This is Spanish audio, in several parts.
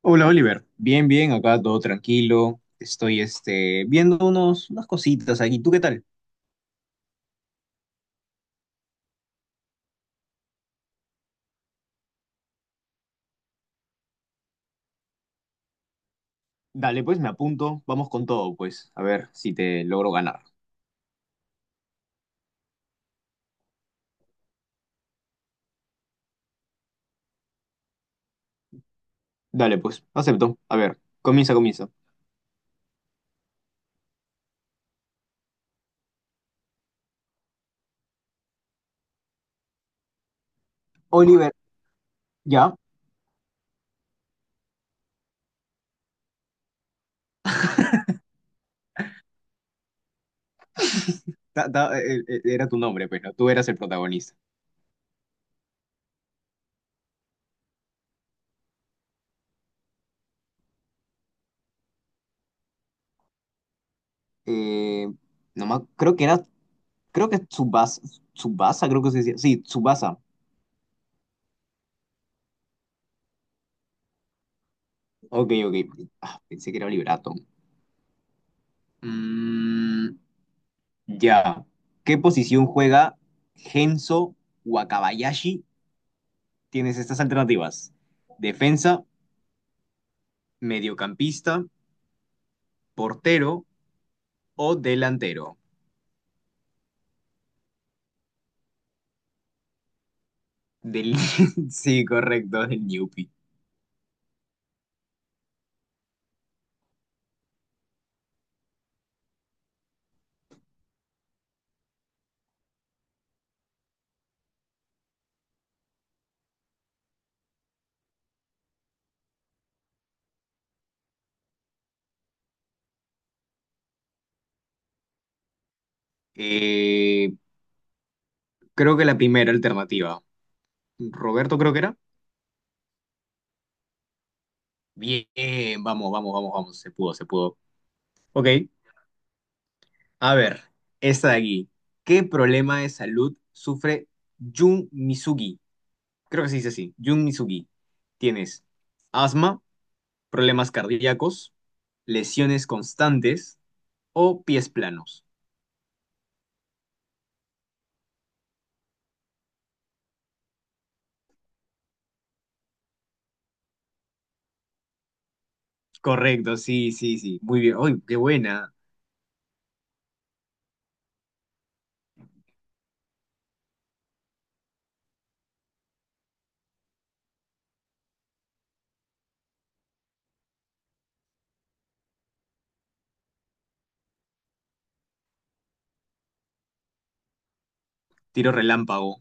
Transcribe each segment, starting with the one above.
Hola Oliver, bien, bien, acá todo tranquilo. Estoy viendo unas cositas aquí. ¿Tú qué tal? Dale, pues me apunto. Vamos con todo, pues. A ver si te logro ganar. Dale, pues, acepto. A ver, comienza. Oliver, ya. Era tu nombre, pero tú eras el protagonista. Eh, no creo que era, creo que Tsubasa, Tsubasa, creo que se decía. Sí, Tsubasa. Ok. Ah, pensé que era Oliver Atom. Ya. ¿Qué posición juega Genso Wakabayashi? Tienes estas alternativas. Defensa, mediocampista, portero o delantero. Del... Sí, correcto, del Newpi. Eh, Creo que la primera alternativa. Roberto creo que era. Bien, vamos. Se pudo. Ok. A ver, esta de aquí. ¿Qué problema de salud sufre Jun Misugi? Creo que se dice así, Jun Mizugi. Tienes asma, problemas cardíacos, lesiones constantes o pies planos. Correcto, sí, sí, sí. Muy bien. ¡Uy, qué buena! Tiro relámpago.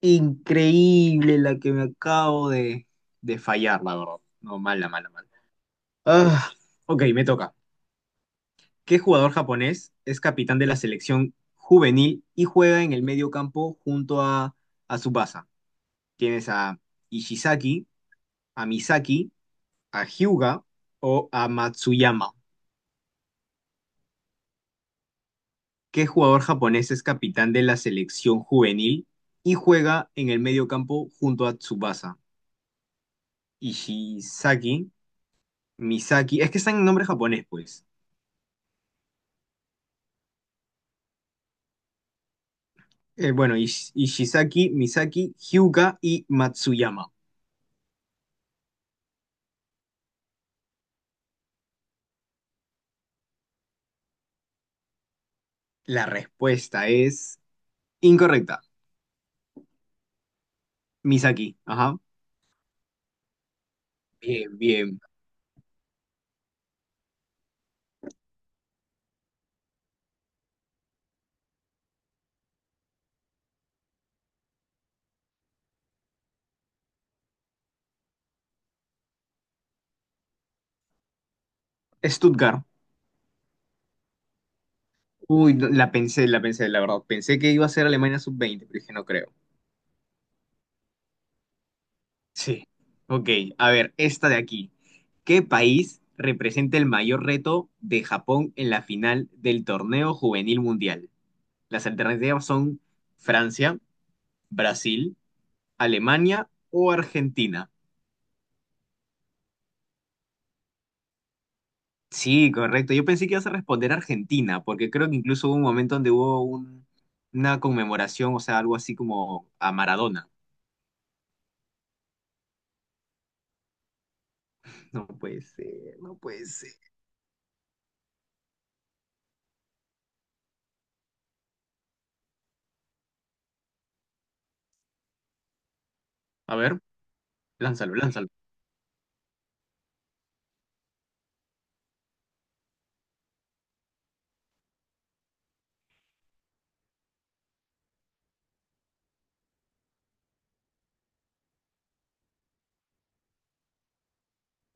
Increíble la que me acabo de fallar, la verdad. No, mala, mala, mala. Ah, ok, me toca. ¿Qué jugador japonés es capitán de la selección juvenil y juega en el medio campo junto a Tsubasa? ¿Tienes a Ishizaki, a Misaki, a Hyuga o a Matsuyama? ¿Qué jugador japonés es capitán de la selección juvenil y juega en el medio campo junto a Tsubasa? Ishizaki, Misaki, es que están en nombre japonés, pues. Bueno, Ishizaki, Misaki, Hyuga y Matsuyama. La respuesta es incorrecta. Misaki, ajá. Bien, bien. Stuttgart. Uy, no, la pensé, la verdad. Pensé que iba a ser Alemania sub-20, pero dije, no creo. Sí. Ok, a ver, esta de aquí. ¿Qué país representa el mayor reto de Japón en la final del torneo juvenil mundial? Las alternativas son Francia, Brasil, Alemania o Argentina. Sí, correcto. Yo pensé que ibas a responder Argentina, porque creo que incluso hubo un momento donde una conmemoración, o sea, algo así como a Maradona. No puede ser. A ver, lánzalo.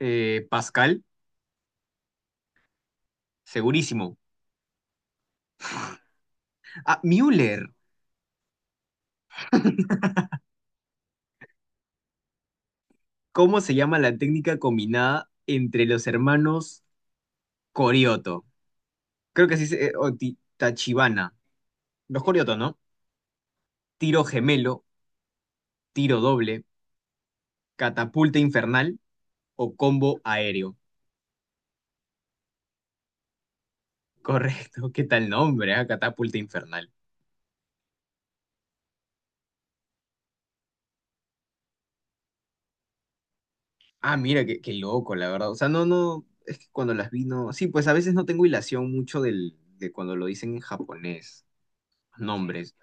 Pascal, segurísimo. Ah, Müller. ¿Cómo se llama la técnica combinada entre los hermanos Corioto? Creo que así se- o Ti- Tachibana. Los Corioto, ¿no? Tiro gemelo, tiro doble, catapulta infernal o combo aéreo. Correcto, ¿qué tal nombre? ¿Ah? Catapulta infernal. Ah, mira, qué, qué loco, la verdad. O sea, no, no, es que cuando las vi, no. Sí, pues a veces no tengo hilación mucho de cuando lo dicen en japonés, nombres.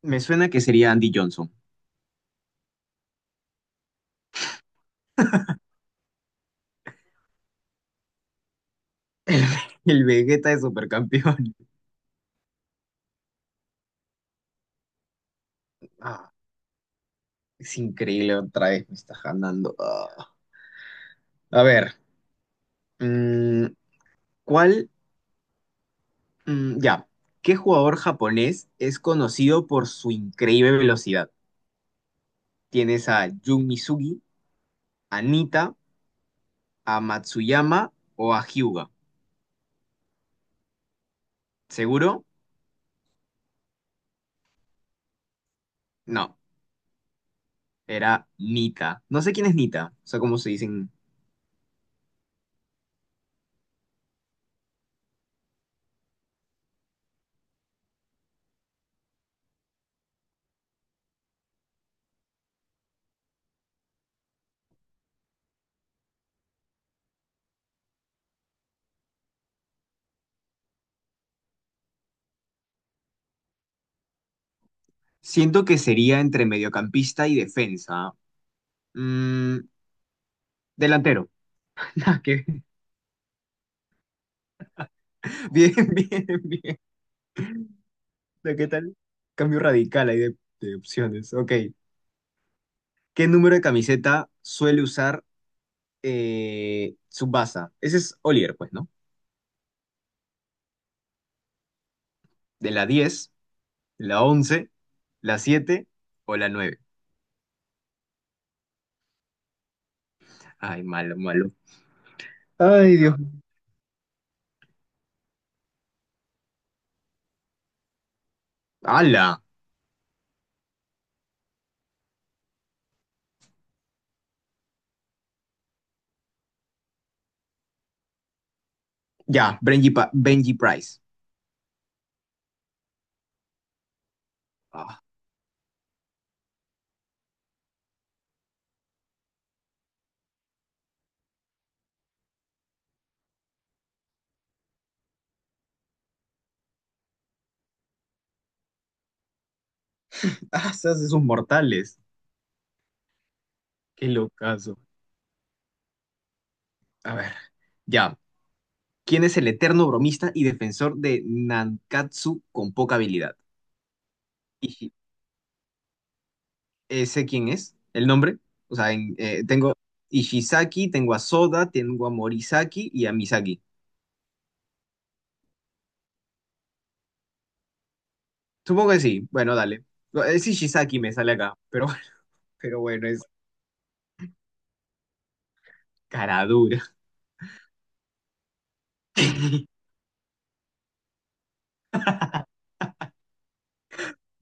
Me suena que sería Andy Johnson, el, el Vegeta de Supercampeón. Ah, es increíble, otra vez me estás ganando. Ah. A ver, mm, ¿cuál? Mm, ya, ¿qué jugador japonés es conocido por su increíble velocidad? Tienes a Jun Misugi, a Nita, a Matsuyama o a Hyuga. ¿Seguro? No, era Nita. No sé quién es Nita, o sea, cómo se dicen. Siento que sería entre mediocampista y defensa. Mm, delantero. Ah, qué- bien, bien, bien. Sea, ¿qué tal? Cambio radical ahí de opciones. Ok. ¿Qué número de camiseta suele usar Tsubasa? Ese es Olier, pues, ¿no? De la 10, la 11, la 7 o la 9. Ay, malo, malo. Ay, Dios. ¡Hala! Ya, Benji Price. Ah, ah, se hace sus mortales. Qué locazo. A ver, ya. ¿Quién es el eterno bromista y defensor de Nankatsu con poca habilidad? Sé quién es, el nombre. O sea, tengo Ishizaki, tengo a Soda, tengo a Morisaki y a Misaki. Supongo que sí. Bueno, dale. No, es Ishizaki, me sale acá. Pero, pero bueno, es cara dura.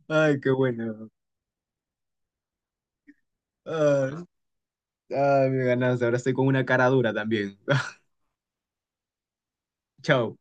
Ay, qué bueno. Ay, ay, me ganaste. Ahora estoy con una cara dura también. Chao.